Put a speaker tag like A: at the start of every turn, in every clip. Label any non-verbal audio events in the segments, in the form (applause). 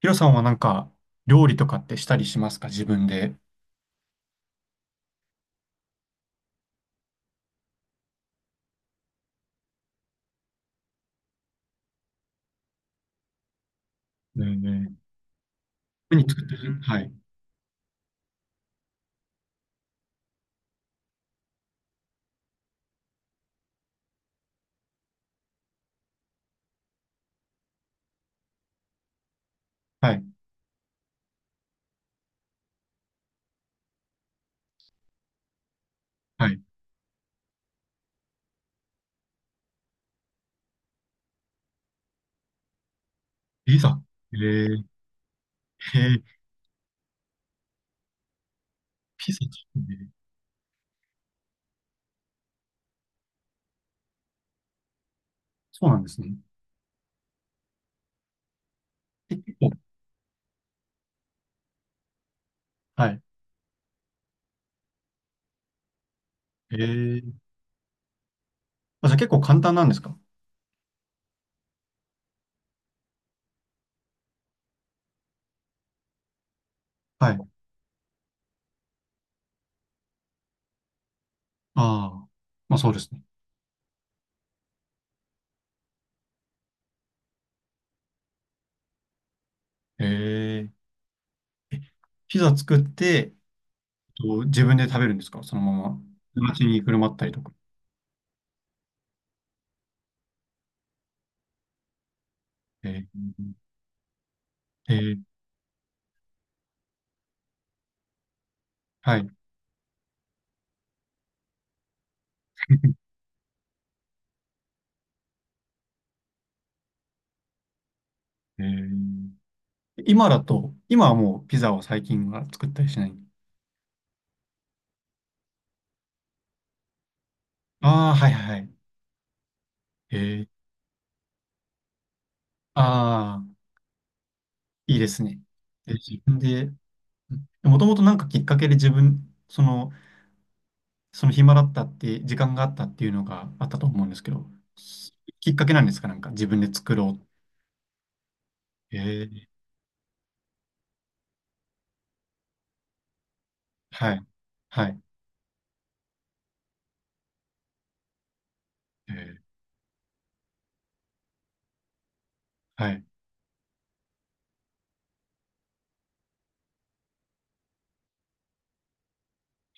A: ヒロさんはなんか、料理とかってしたりしますか自分で。ねえねえ、何作ってる？はい。はい。はい。ピザ。えー、へー、ピザ作すね。そうなんですね。え、結構。はい。えー、あ、じゃあ結構簡単なんですか？はい。ああ。まあそうですね。えー、えピザ作って、と自分で食べるんですかそのまま。街に振る舞ったりとか？えー、えー、はい。(laughs) えー、今だと、今はもうピザを最近は作ったりしない？ああ、はいはいはい。へえ。ああ、いいですね。で、自分で、もともとなんかきっかけで自分、その、その、暇だったって、時間があったっていうのがあったと思うんですけど、すきっかけなんですか？なんか自分で作ろう。へえ。はい。はい。ええ。はい。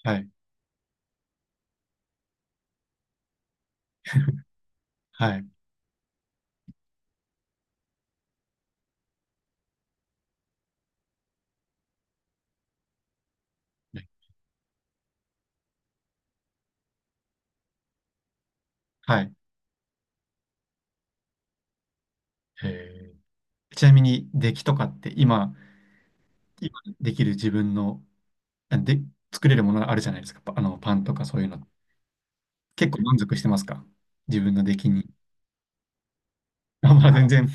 A: はい。はい。はい。へえ。ちなみに、出来とかって今できる自分の、で、作れるものあるじゃないですか。あの、パンとかそういうの。結構満足してますか？自分の出来に。(laughs) あ、まあ全然。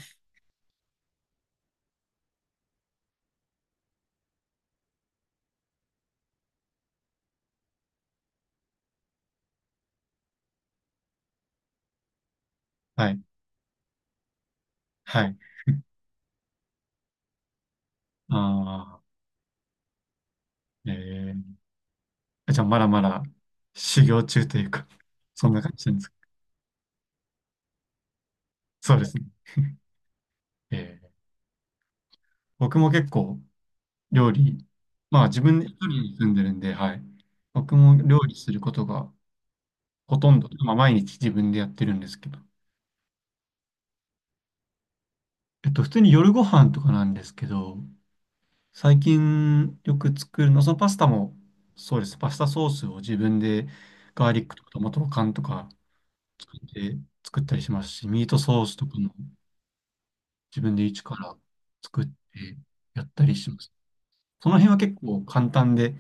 A: はい。はい。ああ、ええ、じゃあまだまだ修行中というか、(laughs) そんな感じなんですか？そうですね。ええ、僕も結構料理、まあ自分で一人に住んでるんで、はい。僕も料理することがほとんど、まあ毎日自分でやってるんですけど。普通に夜ご飯とかなんですけど、最近よく作るの、そのパスタも、そうです。パスタソースを自分でガーリックとかトマト缶とか作って作ったりしますし、ミートソースとかも自分で一から作ってやったりします。その辺は結構簡単で、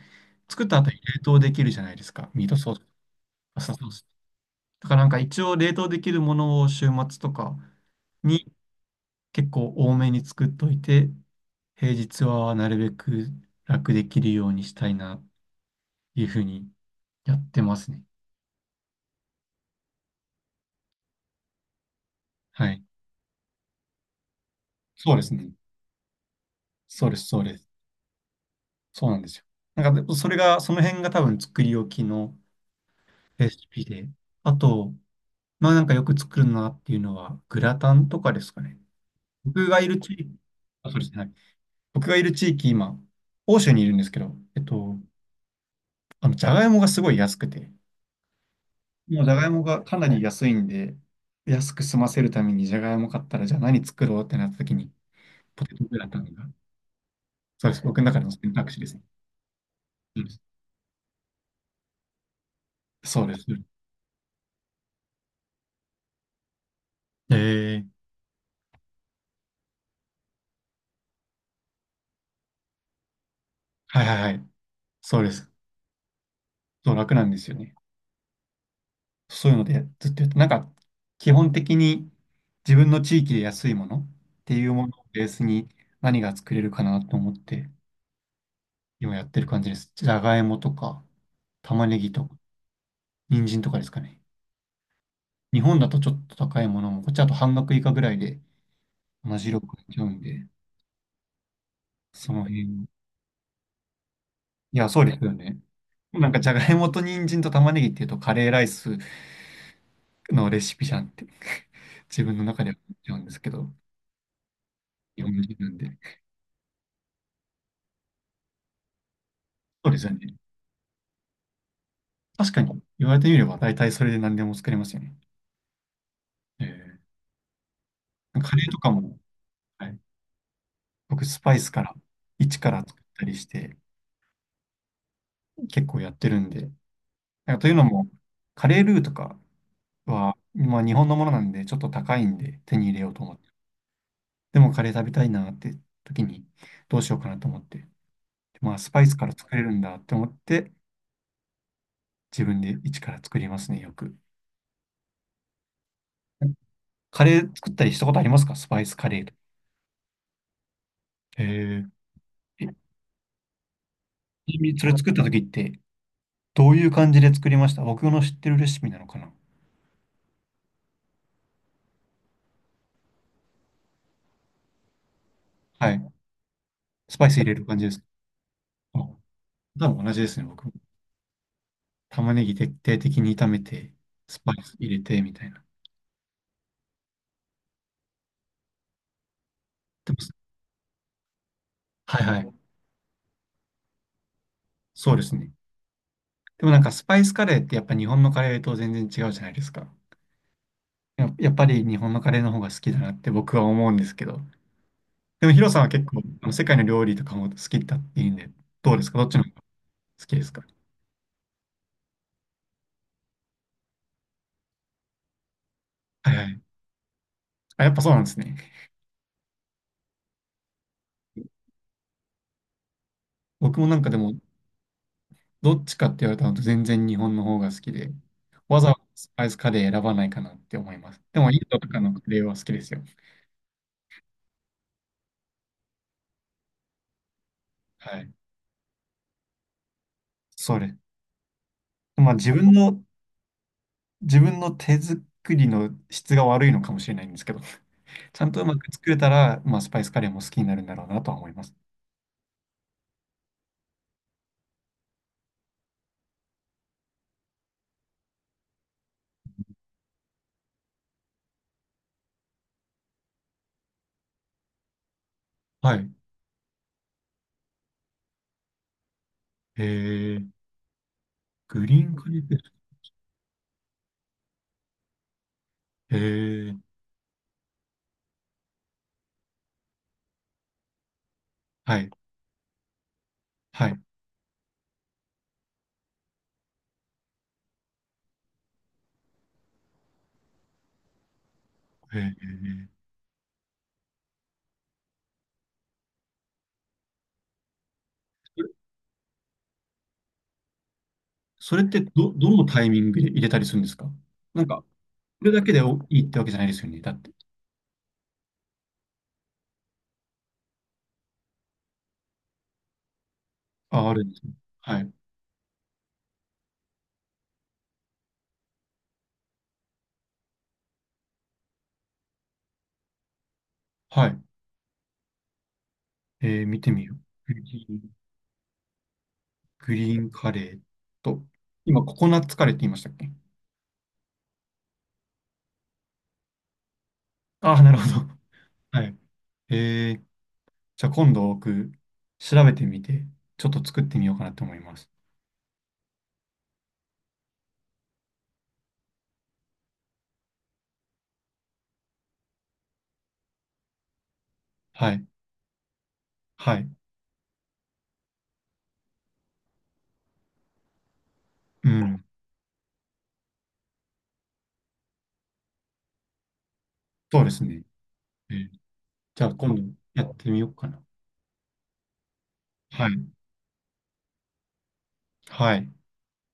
A: 作った後に冷凍できるじゃないですか。ミートソース、パスタソース。だからなんか一応冷凍できるものを週末とかに結構多めに作っといて、平日はなるべく楽できるようにしたいなっていうふうにやってますね。はい。そうですね。そうです、そうです。そうなんですよ。なんかでそれが、その辺が多分作り置きのレシピで。あと、まあなんかよく作るなっていうのは、グラタンとかですかね。僕がいる地域、あ、そうですね。はい、僕がいる地域、今、欧州にいるんですけど、あの、じゃがいもがすごい安くて、もうじゃがいもがかなり安いんで、安く済ませるためにじゃがいも買ったら、じゃあ何作ろうってなった時に、ポテトグラタンが、そうです。僕の中の選択肢ですね。うん、そうです。えー、はいはいはい。そうです。そう、楽なんですよね。そういうのでずっとやって、なんか基本的に自分の地域で安いものっていうものをベースに何が作れるかなと思って今やってる感じです。じゃがいもとか玉ねぎとか人参とかですかね。日本だとちょっと高いものも、こっちだと半額以下ぐらいで同じ量買えちゃうんで、その辺。いや、そうですよね。なんかじゃがいもと人参と玉ねぎっていうとカレーライスのレシピじゃんって (laughs) 自分の中では思っちゃうんですけど、日本人なんで。そうですよね。確かに、言われてみれば大体それで何でも作れますよね。えー、カレーとかも、はい、僕スパイスから一から作ったりして結構やってるんで、なんかというのも、カレールーとかは、まあ、日本のものなんでちょっと高いんで手に入れようと思って、でもカレー食べたいなって時にどうしようかなと思って、まあスパイスから作れるんだって思って自分で一から作りますね、よく。カレー作ったりしたことありますか？スパイスカレーとか。えーえちなみにそれ作った時ってどういう感じで作りました？僕の知ってるレシピなのかな？はい。スパイス入れる感じですか？あ、多分同じですね、僕も。玉ねぎ徹底的に炒めて、スパイス入れて、みたいな。でも、はいはい。そうですね。でもなんかスパイスカレーってやっぱ日本のカレーと全然違うじゃないですか。やっぱり日本のカレーの方が好きだなって僕は思うんですけど。でもヒロさんは結構あの世界の料理とかも好きだっていうんで、どうですか？どっちの方が好きですか？はいはい。あ、やっぱそうなんですね。僕もなんかでもどっちかって言われたのと全然日本の方が好きで、わざわざスパイスカレー選ばないかなって思います。でもインドとかのカレーは好きですよ。はい。それ。まあ自分の手作りの質が悪いのかもしれないんですけど、(laughs) ちゃんとうまく作れたら、まあスパイスカレーも好きになるんだろうなとは思います。はい。えー、グリーンカレーペースト。えー、はい。はい。えー、それそれってどのタイミングで入れたりするんですか？なんか、それだけでおいいってわけじゃないですよね。だって。あ、あるんですね。はい。はい。えー、見てみよう。グリーン、グリーンカレーと、今、ココナッツカレーって言いましたっけ？ああ、なるほど。はい。えー、じゃあ今度僕、調べてみて、ちょっと作ってみようかなと思います。はい。はい。うん。そうですね。えーじゃあ今度やってみようかな。はい。はい。